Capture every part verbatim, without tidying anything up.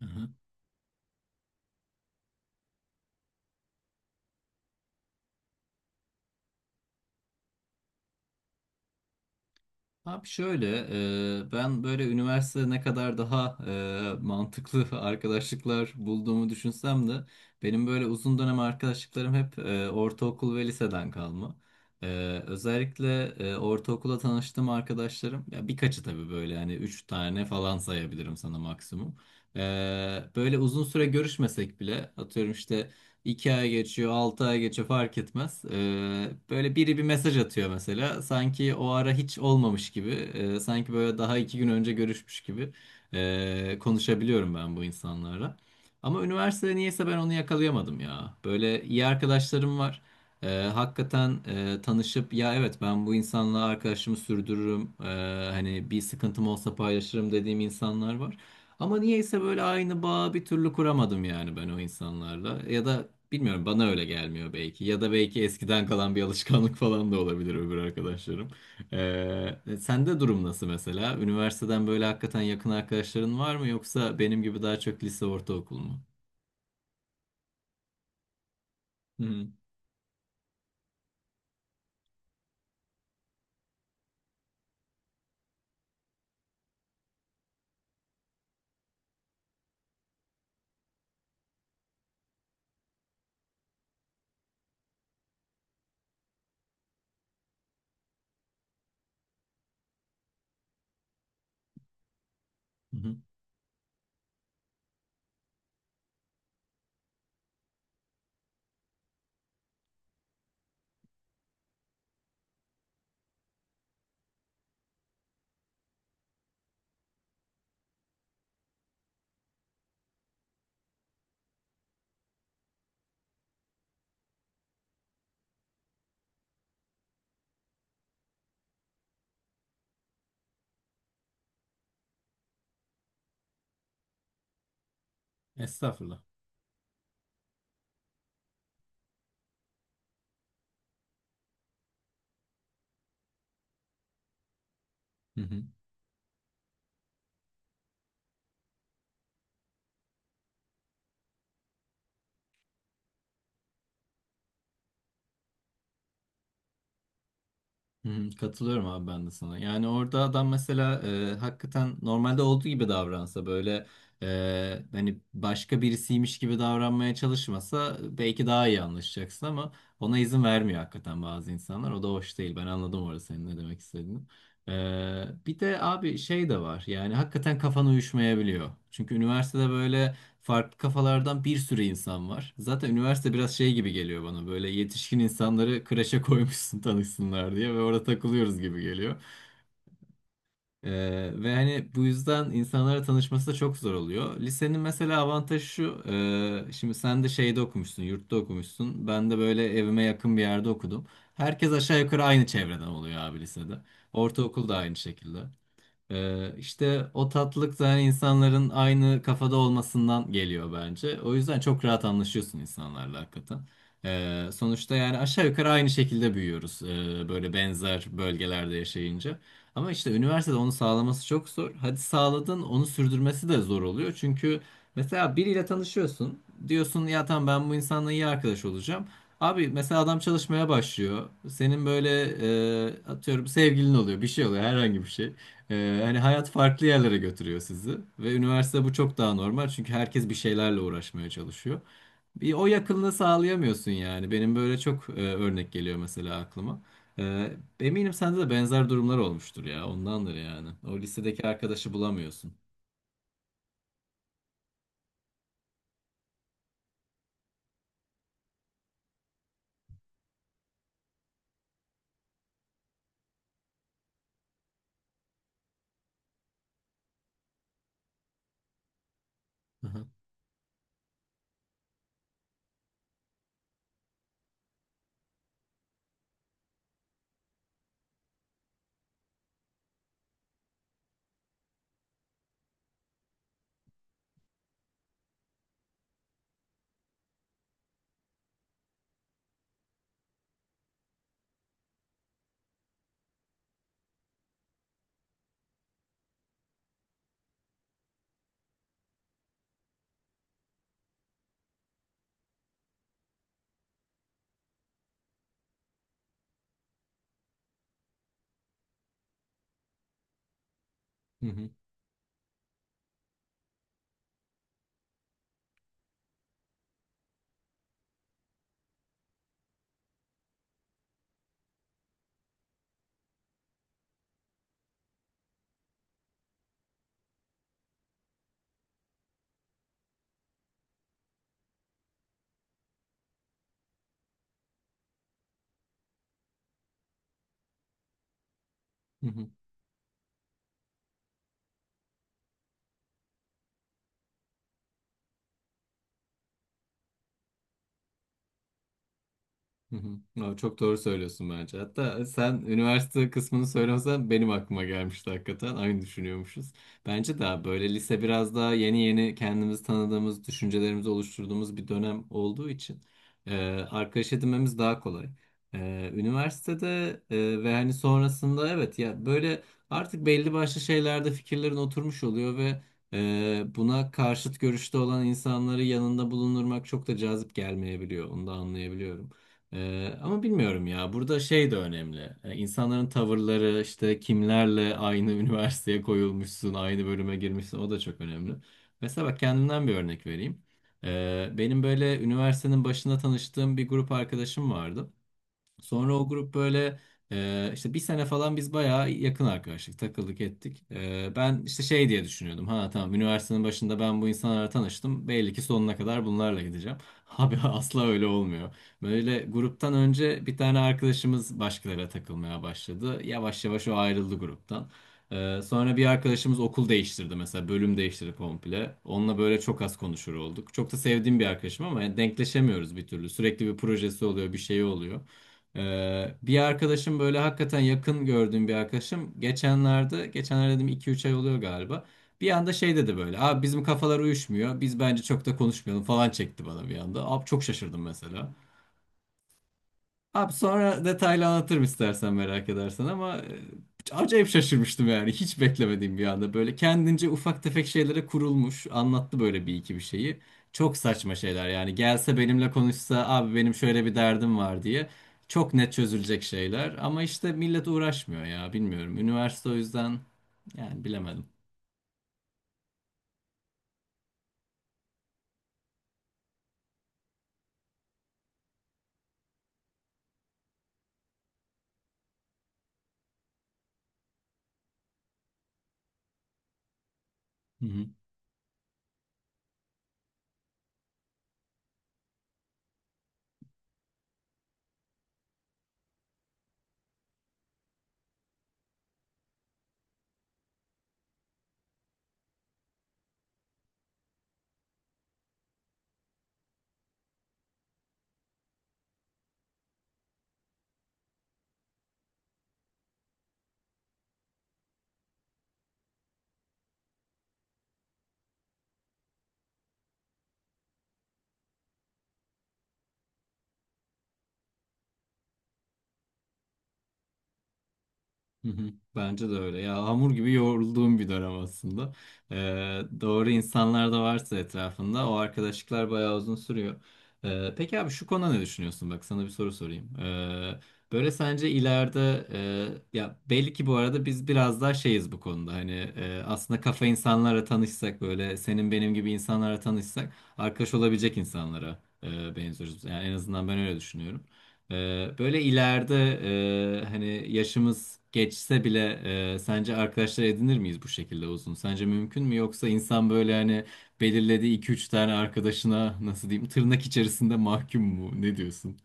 Hı hı. Abi şöyle, e, ben böyle üniversitede ne kadar daha e, mantıklı arkadaşlıklar bulduğumu düşünsem de benim böyle uzun dönem arkadaşlıklarım hep e, ortaokul ve liseden kalma. E, Özellikle e, ortaokulda tanıştığım arkadaşlarım, ya birkaçı tabii böyle yani üç tane falan sayabilirim sana maksimum. E, Böyle uzun süre görüşmesek bile atıyorum işte. iki ay geçiyor, altı ay geçiyor fark etmez. Ee, böyle biri bir mesaj atıyor mesela. Sanki o ara hiç olmamış gibi. E, sanki böyle daha iki gün önce görüşmüş gibi e, konuşabiliyorum ben bu insanlarla. Ama üniversitede niyeyse ben onu yakalayamadım ya. Böyle iyi arkadaşlarım var. Ee, Hakikaten e, tanışıp ya evet ben bu insanla arkadaşımı sürdürürüm. Ee, hani bir sıkıntım olsa paylaşırım dediğim insanlar var. Ama niyeyse böyle aynı bağı bir türlü kuramadım yani ben o insanlarla. Ya da bilmiyorum bana öyle gelmiyor belki. Ya da belki eskiden kalan bir alışkanlık falan da olabilir öbür arkadaşlarım. Ee, e, Sende durum nasıl mesela? Üniversiteden böyle hakikaten yakın arkadaşların var mı yoksa benim gibi daha çok lise ortaokul mu? Hı hı. Hı hı. Estağfurullah. Hı hı. Hı hı, katılıyorum abi ben de sana. Yani orada adam mesela e, hakikaten normalde olduğu gibi davransa böyle e, hani başka birisiymiş gibi davranmaya çalışmasa belki daha iyi anlaşacaksın ama ona izin vermiyor hakikaten bazı insanlar. O da hoş değil. Ben anladım orada senin ne demek istediğini. E, bir de abi şey de var yani hakikaten kafan uyuşmayabiliyor. Çünkü üniversitede böyle farklı kafalardan bir sürü insan var. Zaten üniversite biraz şey gibi geliyor bana böyle yetişkin insanları kreşe koymuşsun tanışsınlar diye ve orada takılıyoruz gibi geliyor. Ee, Ve hani bu yüzden insanlara tanışması da çok zor oluyor. Lisenin mesela avantajı şu, e, şimdi sen de şeyde okumuşsun, yurtta okumuşsun. Ben de böyle evime yakın bir yerde okudum. Herkes aşağı yukarı aynı çevreden oluyor abi lisede. Ortaokul da aynı şekilde. Ee, işte o tatlılık da hani insanların aynı kafada olmasından geliyor bence. O yüzden çok rahat anlaşıyorsun insanlarla hakikaten. Ee, sonuçta yani aşağı yukarı aynı şekilde büyüyoruz ee, böyle benzer bölgelerde yaşayınca. Ama işte üniversitede onu sağlaması çok zor. Hadi sağladın onu sürdürmesi de zor oluyor. Çünkü mesela biriyle tanışıyorsun. Diyorsun ya tamam ben bu insanla iyi arkadaş olacağım. Abi mesela adam çalışmaya başlıyor. Senin böyle e, atıyorum sevgilin oluyor bir şey oluyor herhangi bir şey. Ee, hani hayat farklı yerlere götürüyor sizi ve üniversite bu çok daha normal çünkü herkes bir şeylerle uğraşmaya çalışıyor. Bir o yakınlığı sağlayamıyorsun yani. Benim böyle çok e, örnek geliyor mesela aklıma. Ee, eminim sende de benzer durumlar olmuştur ya. Ondandır yani. O lisedeki arkadaşı bulamıyorsun. Hı hı. Hı hı. Hı hı. Hı hı. Aa, çok doğru söylüyorsun bence. Hatta sen üniversite kısmını söylemesen benim aklıma gelmişti hakikaten. Aynı düşünüyormuşuz. Bence daha böyle lise biraz daha yeni yeni kendimizi tanıdığımız, düşüncelerimizi oluşturduğumuz bir dönem olduğu için e, arkadaş edinmemiz daha kolay. E, üniversitede e, ve hani sonrasında evet ya böyle artık belli başlı şeylerde fikirlerin oturmuş oluyor ve e, buna karşıt görüşte olan insanları yanında bulundurmak çok da cazip gelmeyebiliyor. Onu da anlayabiliyorum. Ee, ama bilmiyorum ya. Burada şey de önemli. Ee, insanların tavırları, işte kimlerle aynı üniversiteye koyulmuşsun, aynı bölüme girmişsin, o da çok önemli. Mesela bak kendimden bir örnek vereyim. Ee, benim böyle üniversitenin başında tanıştığım bir grup arkadaşım vardı. Sonra o grup böyle e, işte bir sene falan biz bayağı yakın arkadaşlık takıldık ettik. E, ben işte şey diye düşünüyordum. Ha tamam üniversitenin başında ben bu insanlarla tanıştım. Belli ki sonuna kadar bunlarla gideceğim. Abi asla öyle olmuyor. Böyle gruptan önce bir tane arkadaşımız başkalarıyla takılmaya başladı. Yavaş yavaş o ayrıldı gruptan. E, sonra bir arkadaşımız okul değiştirdi mesela bölüm değiştirdi komple. Onunla böyle çok az konuşur olduk. Çok da sevdiğim bir arkadaşım ama yani denkleşemiyoruz bir türlü. Sürekli bir projesi oluyor, bir şeyi oluyor. Ee, bir arkadaşım böyle hakikaten yakın gördüğüm bir arkadaşım geçenlerde geçenlerde dedim iki üç ay oluyor galiba. Bir anda şey dedi böyle. Abi bizim kafalar uyuşmuyor. Biz bence çok da konuşmayalım falan çekti bana bir anda. Abi çok şaşırdım mesela. Abi sonra detaylı anlatırım istersen merak edersen ama e, acayip şaşırmıştım yani hiç beklemediğim bir anda böyle kendince ufak tefek şeylere kurulmuş anlattı böyle bir iki bir şeyi çok saçma şeyler yani gelse benimle konuşsa abi benim şöyle bir derdim var diye çok net çözülecek şeyler ama işte millet uğraşmıyor ya bilmiyorum üniversite o yüzden yani bilemedim. Hı hı. Hı hı. Bence de öyle. Ya hamur gibi yoğrulduğum bir dönem aslında. Ee, doğru insanlar da varsa etrafında o arkadaşlıklar bayağı uzun sürüyor. Ee, peki abi şu konuda ne düşünüyorsun? Bak sana bir soru sorayım. Ee, böyle sence ileride e, ya belli ki bu arada biz biraz daha şeyiz bu konuda. Hani e, aslında kafa insanlara tanışsak böyle senin benim gibi insanlara tanışsak arkadaş olabilecek insanlara e, benziyoruz. Yani en azından ben öyle düşünüyorum. Ee, böyle ileride e, hani yaşımız geçse bile e, sence arkadaşlar edinir miyiz bu şekilde uzun? Sence mümkün mü? Yoksa insan böyle hani belirlediği iki üç tane arkadaşına nasıl diyeyim tırnak içerisinde mahkum mu? Ne diyorsun?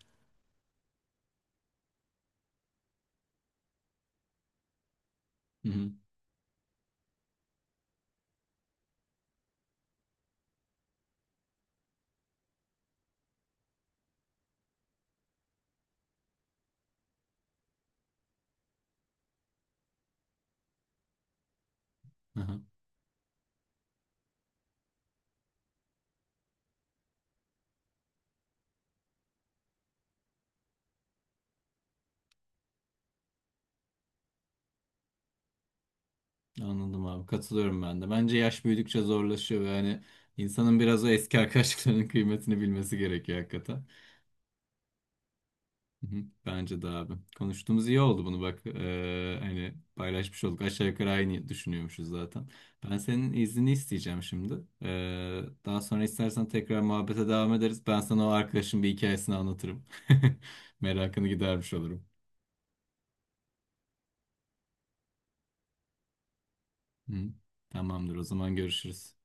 Hı hı. Aha, anladım abi. Katılıyorum ben de. Bence yaş büyüdükçe zorlaşıyor ve hani insanın biraz o eski arkadaşlıklarının kıymetini bilmesi gerekiyor hakikaten. Hı hı, bence de abi. Konuştuğumuz iyi oldu bunu bak. Ee, hani paylaşmış olduk. Aşağı yukarı aynı düşünüyormuşuz zaten. Ben senin iznini isteyeceğim şimdi. Ee, daha sonra istersen tekrar muhabbete devam ederiz. Ben sana o arkadaşın bir hikayesini anlatırım. Merakını gidermiş olurum. Hı. Tamamdır o zaman görüşürüz.